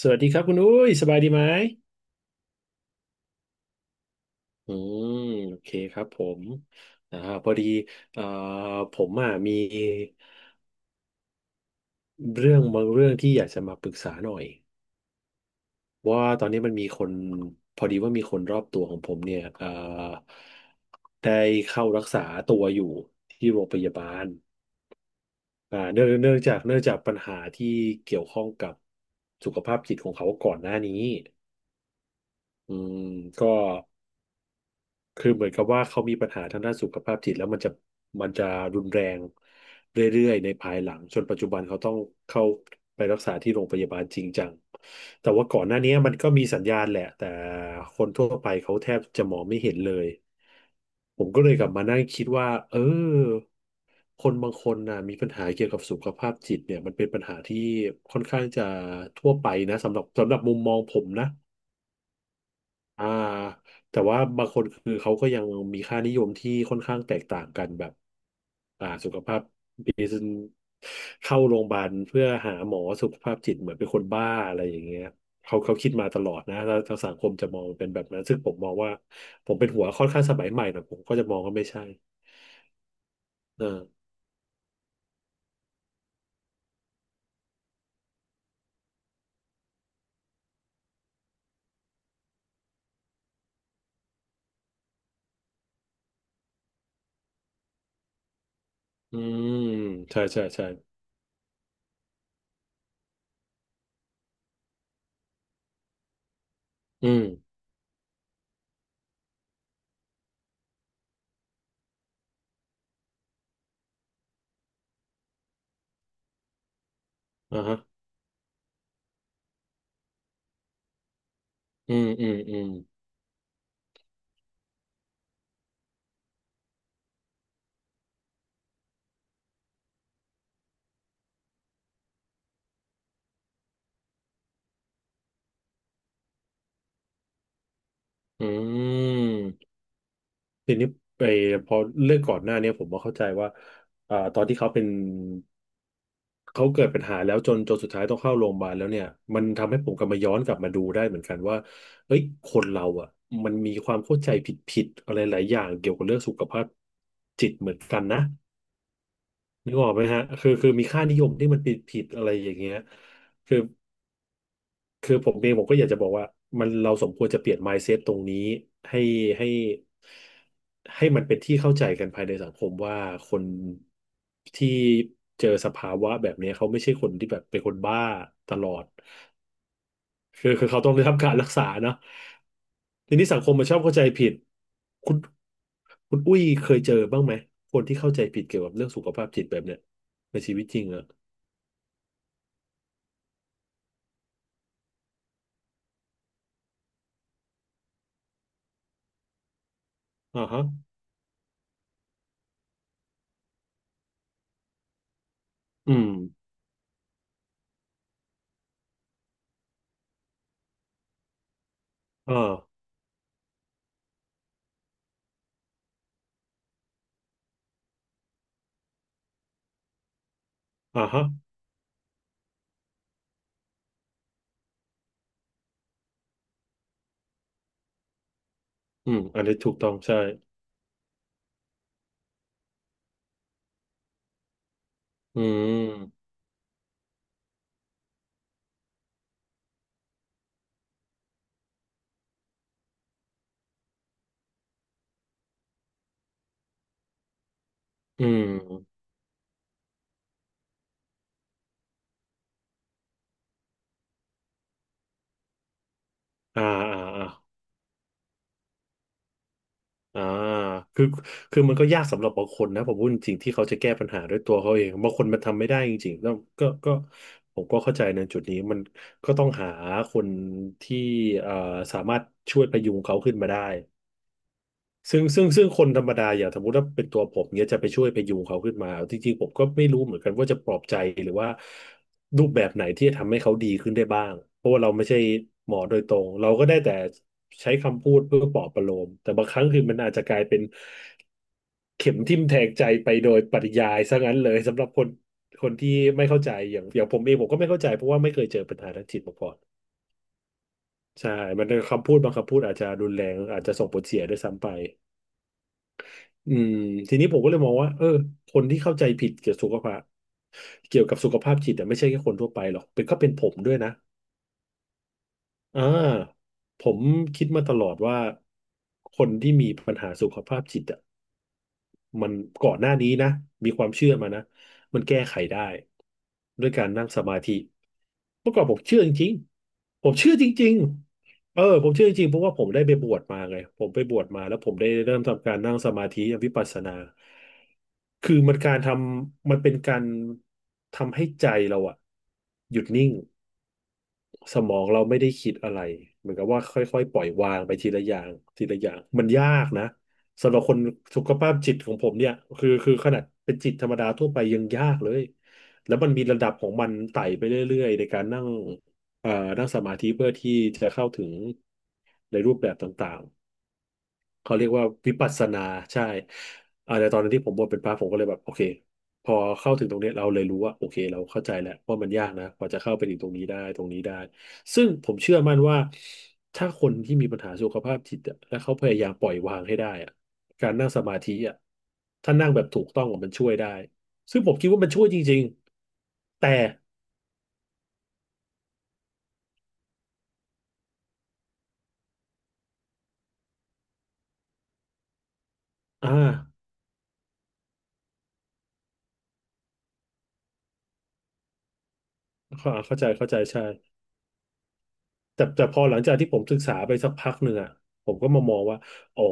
สวัสดีครับคุณอุ้ยสบายดีไหมอืมโอเคครับผมอ่าพอดีเอ่อผมอ่ะมีเรื่องบางเรื่องที่อยากจะมาปรึกษาหน่อยว่าตอนนี้มันมีคนพอดีว่ามีคนรอบตัวของผมเนี่ยได้เข้ารักษาตัวอยู่ที่โรงพยาบาลอ่าเนื่องเนื่องจากเนื่องจากปัญหาที่เกี่ยวข้องกับสุขภาพจิตของเขาก่อนหน้านี้อืมก็ คือเหมือนกับว่าเขามีปัญหาทางด้านสุขภาพจิตแล้วมันจะรุนแรงเรื่อยๆในภายหลังจนปัจจุบันเขาต้องเข้าไปรักษาที่โรงพยาบาลจริงจังแต่ว่าก่อนหน้านี้มันก็มีสัญญาณแหละแต่คนทั่วไปเขาแทบจะมองไม่เห็นเลยผมก็เลยกลับมานั่งคิดว่าเออคนบางคนนะมีปัญหาเกี่ยวกับสุขภาพจิตเนี่ยมันเป็นปัญหาที่ค่อนข้างจะทั่วไปนะสำหรับมุมมองผมนะ อ่าแต่ว่าบางคนคือเขาก็ยังมีค่านิยมที่ค่อนข้างแตกต่างกันแบบสุขภาพดีเข้าโรงพยาบาลเพื่อหาหมอสุขภาพจิตเหมือนเป็นคนบ้าอะไรอย่างเงี้ยเขาคิดมาตลอดนะแล้วทางสังคมจะมองเป็นแบบนั้นซึ่งผมมองว่าผมเป็นหัวค่อนข้างสมัยใหม่หน่อยผมก็จะมองว่าไม่ใช่อ่าอืมใช่ใช่ใช่อืมอ่าฮะอืมอืมอืมอืม ทีนี้ไปพอเรื่องก่อนหน้าเนี้ยผมก็เข้าใจว่าอ่าตอนที่เขาเป็นเขาเกิดปัญหาแล้วจนสุดท้ายต้องเข้าโรงพยาบาลแล้วเนี่ยมันทำให้ผมกลับมาย้อนกลับมาดูได้เหมือนกันว่าเฮ้ยคนเราอ่ะมันมีความเข้าใจผิดๆอะไรหลายอย่างเกี่ยวกับเรื่องสุขภาพจิตเหมือนกันนะนึกออกไหมฮะคือมีค่านิยมที่มันผิดๆอะไรอย่างเงี้ยคือ คือผมเองผมก็อยากจะบอกว่ามันเราสมควรจะเปลี่ยน mindset ตรงนี้ให้ให้ให้มันเป็นที่เข้าใจกันภายในสังคมว่าคนที่เจอสภาวะแบบนี้เขาไม่ใช่คนที่แบบเป็นคนบ้าตลอดคือเขาต้องได้รับการรักษาเนาะทีนี้สังคมมันชอบเข้าใจผิดคุณคุณอุ้ยเคยเจอบ้างไหมคนที่เข้าใจผิดเกี่ยวกับเรื่องสุขภาพจิตแบบเนี้ยในชีวิตจริงอะอ่าฮะอืมอ่าอ่าฮะอืมอันนี้ถูกต้องใช่ อืมอืมอ่าอ่าอ่าอ่าคือคือมันก็ยากสำหรับบางคนนะผมพูดจริงๆที่เขาจะแก้ปัญหาด้วยตัวเขาเองบางคนมันทำไม่ได้จริงๆแล้วก็ผมก็เข้าใจในจุดนี้มันก็ต้องหาคนที่เอ่อสามารถช่วยพยุงเขาขึ้นมาได้ ซึ่งคนธรรมดาอย่างสมมติว่าเป็นตัวผมเนี่ยจะไปช่วยพยุงเขาขึ้นมาเอาจริงๆผมก็ไม่รู้เหมือนกันว่าจะปลอบใจหรือว่ารูปแบบไหนที่จะทำให้เขาดีขึ้นได้บ้างเพราะว่าเราไม่ใช่หมอโดยตรงเราก็ได้แต่ใช้คำพูดเพื่อปลอบประโลมแต่บางครั้งคือมันอาจจะกลายเป็นเข็มทิ่มแทงใจไปโดยปริยายซะงั้นเลยสำหรับคนที่ไม่เข้าใจอย่างผมเองผมก็ไม่เข้าใจเพราะว่าไม่เคยเจอปัญหาทางจิตมาก่อนใช่มันเป็นคำพูดบางคำพูดอาจจะรุนแรงอาจจะส่งผลเสียด้วยซ้ำไป อืมทีนี้ผมก็เลยมองว่าเออคนที่เข้าใจผิดเกี่ยวกับสุขภาพจิตอะไม่ใช่แค่คนทั่วไปหรอกเป็นก็เป็นผมด้วยนะอ่าผมคิดมาตลอดว่าคนที่มีปัญหาสุขภาพจิตอะ มันก่อนหน้านี้นะมีความเชื่อมานะมันแก้ไขได้ด้วยการนั่งสมาธิเมื่อก่อนผมเชื่อจริงๆผมเชื่อจริงๆเออผมเชื่อจริงๆเพราะว่าผมได้ไปบวชมาไงผมไปบวชมาแล้วผมได้เริ่มทำการนั่งสมาธิวิปัสสนาคือมันเป็นการทำให้ใจเราอะหยุดนิ่ง สมองเราไม่ได้คิดอะไรเหมือนกับว่าค่อยๆปล่อยวางไปทีละอย่างทีละอย่างมันยากนะสำหรับคนสุขภาพจิตของผมเนี่ยคือขนาดเป็นจิตธรรมดาทั่วไปยังยากเลยแล้วมันมีระดับของมันไต่ไปเรื่อยๆในการนั่งเอ่อนั่งสมาธิเพื่อที่จะเข้าถึงในรูปแบบต่างๆ เขาเรียกว่าวิปัสสนาใช่ในตอนนั้นที่ผมบวชเป็นพระผมก็เลยแบบโอเคพอเข้าถึงตรงเนี้ยเราเลยรู้ว่าโอเคเราเข้าใจแล้วว่ามันยากนะกว่าจะเข้าไปถึงตรงนี้ได้ซึ่งผมเชื่อมั่นว่าถ้าคนที่มีปัญหาสุขภาพจิตอะและเขาพยายามปล่อยวางให้ได้อะการนั่งสมาธิอะถ้านั่งแบบถูกต้องอะมันช่วยได้ซึ่งผมคิดว่ามันช่วยจริงๆแต่อ่าเข้าใจเข้าใจใช่ แต่พอหลังจากที่ผมศึกษาไปสักพักหนึ่งอ่ะผมก็มามองว่าอ๋อ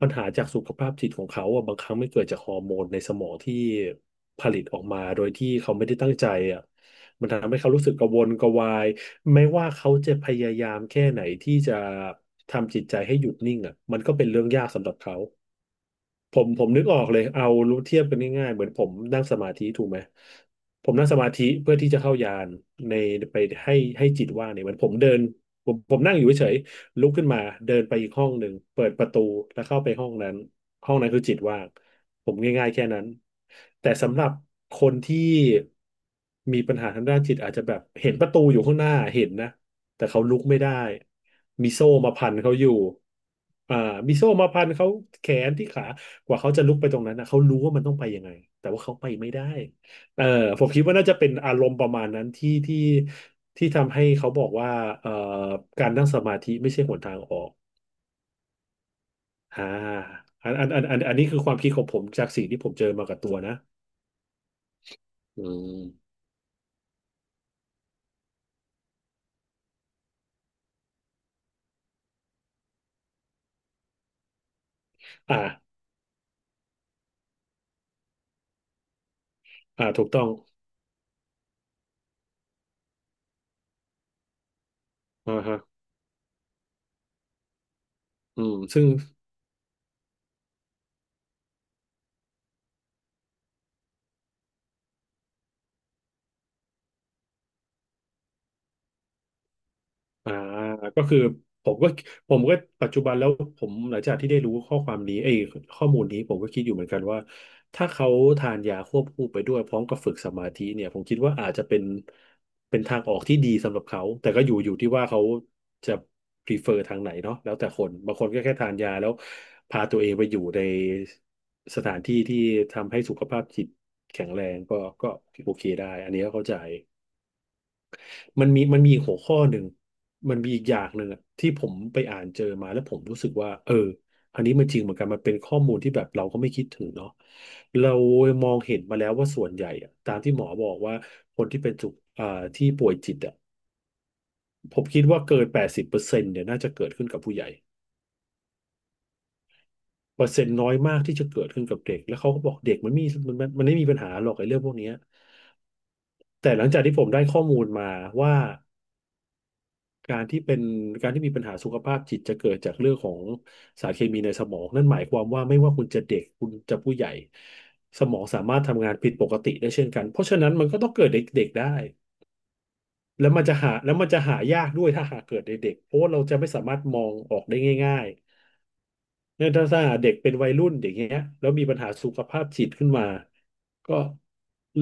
ปัญหาจากสุขภาพจิตของเขาอ่ะบางครั้งไม่เกิดจากฮอร์โมนในสมองที่ผลิตออกมาโดยที่เขาไม่ได้ตั้งใจอ่ะมันทำให้เขารู้สึกกระวนกระวายไม่ว่าเขาจะพยายามแค่ไหนที่จะทำจิตใจให้หยุดนิ่งอ่ะมันก็เป็นเรื่องยากสำหรับเขา ผมนึกออกเลยเอารู้เทียบกันง่ายๆเหมือนผมนั่งสมาธิถูกไหมผมนั่งสมาธิเพื่อที่จะเข้ายานในไปให้จิตว่างเนี่ยเหมือนผมเดินผมนั่งอยู่เฉยๆลุกขึ้นมาเดินไปอีกห้องหนึ่งเปิดประตูแล้วเข้าไปห้องนั้นห้องนั้นคือจิตว่างผมง่ายๆแค่นั้นแต่สำหรับคนที่มีปัญหาทางด้านจิตอาจจะแบบเห็นประตูอยู่ข้างหน้าเห็นนะแต่เขาลุกไม่ได้มีโซ่มาพันเขาอยู่อ่ามีโซ่มาพันเขาแขนที่ขา กว่าเขาจะลุกไปตรงนั้นนะเขารู้ว่ามันต้องไปยังไงแต่ว่าเขาไปไม่ได้เออผมคิดว่าน่าจะเป็นอารมณ์ประมาณนั้นที่ที่ทำให้เขาบอกว่าเอ่อการนั่งสมาธิไม่ใช่หนทางออกอ่าอันนี้คือความคิดของผมจากสิ่งที่ผมเจอมากับตัวนะอืมอ่าอ่าถูกต้องอ่าฮะอืมซึ่ง อ่าก็คือผมก็ผมก็ปัจจุบันแล้วผมหลังจากที่ได้รู้ข้อความนี้ไอ้ยข้อมูลนี้ผมก็คิดอยู่เหมือนกันว่าถ้าเขาทานยาควบคู่ไปด้วยพร้อมกับฝึกสมาธิเนี่ยผมคิดว่าอาจจะเป็นทางออกที่ดีสำหรับเขาแต่ก็อยู่ที่ว่าเขาจะ prefer ทางไหนเนาะแล้วแต่คนบางคนก็แค่ทานยาแล้วพาตัวเองไปอยู่ในสถานที่ที่ทำให้สุขภาพจิตแข็งแรงก็โอเคได้อันนี้ก็เข้าใจ มันมีอีกหัวข้อหนึ่งมันมีอีกอย่างหนึ่งอะที่ผมไปอ่านเจอมาแล้วผมรู้สึกว่าเอออันนี้มันจริงเหมือนกันมันเป็นข้อมูลที่แบบเราก็ไม่คิดถึงเนาะเรามองเห็นมาแล้วว่าส่วนใหญ่อะตามที่หมอบอกว่าคนที่เป็นจุกอ่าที่ป่วยจิตอะผมคิดว่าเกิน80%เนี่ยน่าจะเกิดขึ้นกับผู้ใหญ่เปอร์เซ็นต์น้อยมากที่จะเกิดขึ้นกับเด็กแล้วเขาก็บอกเด็กมันไม่มีปัญหาหรอกไอ้เรื่องพวกเนี้ยแต่หลังจากที่ผมได้ข้อมูลมาว่า การที่เป็นการที่มีปัญหาสุขภาพจิตจะเกิดจากเรื่องของสารเคมีในสมองนั่นหมายความว่าไม่ว่าคุณจะเด็กคุณจะผู้ใหญ่สมองสามารถทำงานผิดปกติได้เช่นกันเพราะฉะนั้นมันก็ต้องเกิดเด็กๆได้แล้วมันจะหายากด้วยถ้าหากเกิดในเด็กเพราะว่าเราจะไม่สามารถมองออกได้ง่ายๆเนี่ยถ้าเด็กเป็นวัยรุ่นอย่างเงี้ยแล้วมีปัญหาสุขภาพจิตขึ้นมาก็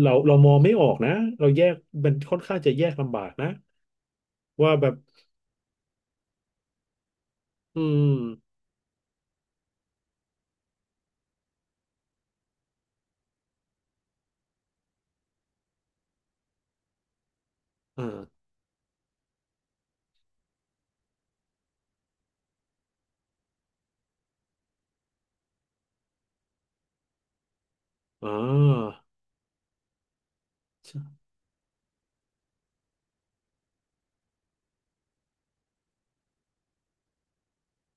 เรามองไม่ออกนะเราแยกมันค่อนข้างจะแยกลำบากนะว่าแบบอืมอ่า อ่าใช่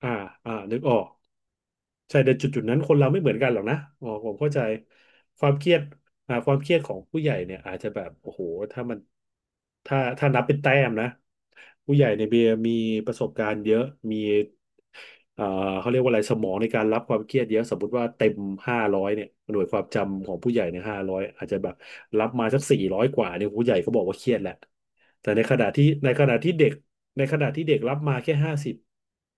อ่าอ่านึกออก ใช่แต่จุดนั้นคนเราไม่เหมือนกันหรอกนะอ๋อผมเข้าใจความเครียดความเครียดของผู้ใหญ่เนี่ยอาจจะแบบโอ้โหถ้ามันถ้านับเป็นแต้มนะผู้ใหญ่ในเบียร์มีประสบการณ์เยอะมีเอ่อเขาเรียกว่าอะไรสมองในการรับความเครียดเยอะสมมติว่าเต็มห้าร้อยเนี่ยหน่วยความจำของผู้ใหญ่ในห้าร้อยอาจจะแบบรับมาสัก400กว่าเนี่ยผู้ใหญ่เขาบอกว่าเครียดแหละแต่ในขณะที่เด็กในขณะที่เด็กรับมาแค่ห้าสิบ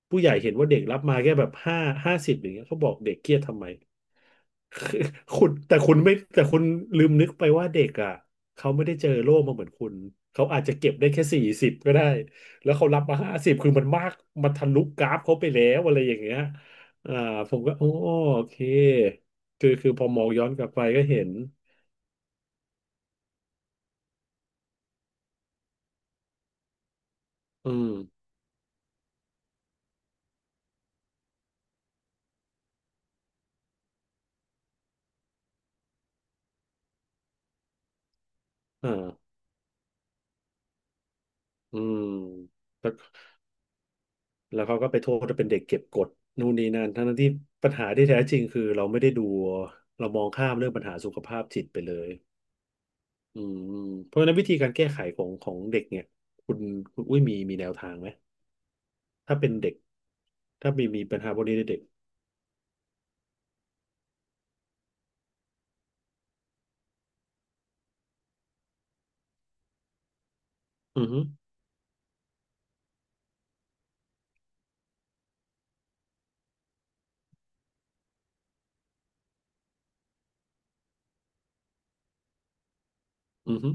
ผู้ใหญ่เห็นว่าเด็กรับมาแค่แบบห้าสิบอย่างเงี้ยเขาบอกเด็กเครียดทำไมคือ คุณแต่คุณลืมนึกไปว่าเด็กอ่ะเขาไม่ได้เจอโลกมาเหมือนคุณเขาอาจจะเก็บได้แค่สี่สิบก็ได้แล้วเขารับมาห้าสิบคือมันมากมันทะลุกราฟเขาไปแล้วอะไรอย่างเงี้ยอ่าผมก็โอ้โอเคคือพอมองย้อนกลับไปก็เห็นอืมอ่าอืมแล้ว แล้วเขาก็ไปโทษว่าเป็นเด็กเก็บกดนู่นนี่นั่นทั้งๆที่ปัญหาที่แท้จริงคือเราไม่ได้ดูเรามองข้ามเรื่องปัญหาสุขภาพจิตไปเลยอืมเพราะฉะนั้นวิธีการแก้ไขของเด็กเนี่ยคุณคุณอุ้ยมีแนวทางไหมถ้าเป็นเด็กถ้ามีปัญหาพวกนี้ในเด็กอือฮึอือฮึ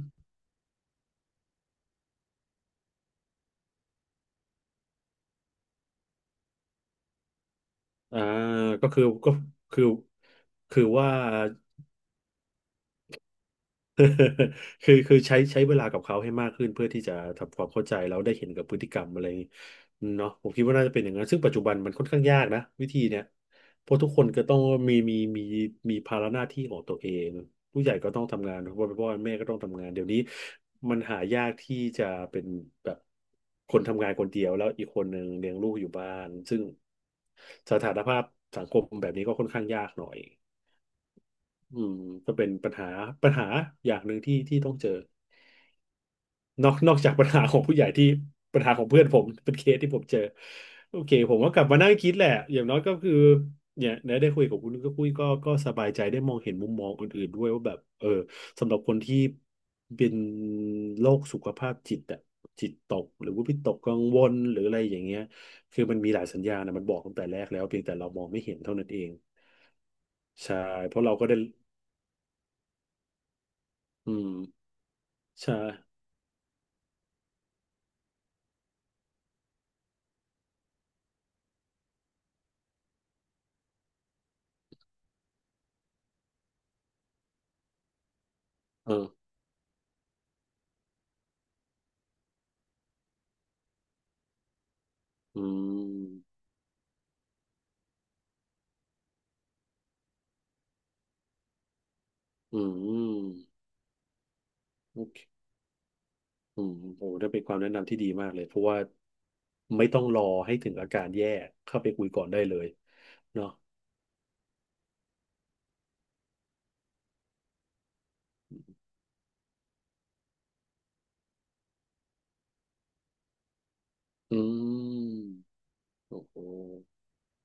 อ่าก็คือก็คือคือว่า คือใช้เวลากับเขาให้มากขึ้นเพื่อที่จะทำความเข้าใจแล้วได้เห็นกับพฤติกรรมอะไรอย่างงี้เนาะผมคิดว่าน่าจะเป็นอย่างนั้นซึ่งปัจจุบันมันค่อนข้างยากนะวิธีเนี้ยเพราะทุกคนก็ต้องมีมีภาระหน้าที่ของตัวเองผู้ใหญ่ก็ต้องทำงานพ่อแม่ก็ต้องทำงานเดี๋ยวนี้มันหายากที่จะเป็นแบบคนทำงานคนเดียวแล้วอีกคนหนึ่งเลี้ยงลูกอยู่บ้านซึ่งสถานภาพสังคมแบบนี้ก็ค่อนข้างยากหน่อย อืมก็เป็นปัญหาปัญหาอย่างหนึ่งที่ที่ต้องเจอนอกจากปัญหาของผู้ใหญ่ที่ปัญหาของเพื่อนผมเป็นเคสที่ผมเจอโอเคผมก็กลับมานั่งคิดแหละอย่างน้อยก็คือเนี่ยได้คุยกับคุณก็คุยก็สบายใจได้มองเห็นมุมมองอื่นๆด้วยว่าแบบเออสำหรับคนที่เป็นโรคสุขภาพจิตอะจิตตกหรือว่าวิตกกังวลหรืออะไรอย่างเงี้ยคือมันมีหลายสัญญาณนะมันบอกตั้งแต่แรกแล้วเพียงแต่เรามองไม่เห็นเท่านั้นเองใช่เพราะเราก็ได้อืมใช่เออ อืมอืมโอเคอืมโอ้ได้เป็นความแนะนำที่ดีมากเลยเพราะว่าไม่ต้องรอให้ถึงอาการแย่เข้าไปคุยก่อนได้เลยเนาะอืมโอ้โห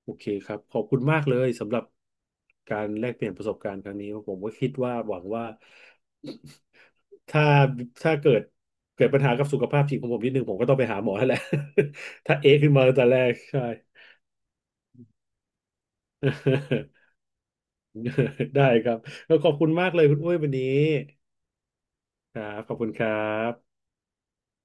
โอเคครับขอบคุณมากเลยสำหรับการแลกเปลี่ยนประสบการณ์ครั้งนี้ผมก็คิดว่าหวังว่า ถ้าถ้าเกิดเกิดปัญหากับสุขภาพจิตของผมนิดนึงผมก็ต้องไปหาหมอแล้วแหละ ถ้าเอะขึ้นมาตั้งแต่แรกใช่ ได้ครับแล้วขอบคุณมากเลยคุณอุ้ยวันนี้ครับขอบคุณครับ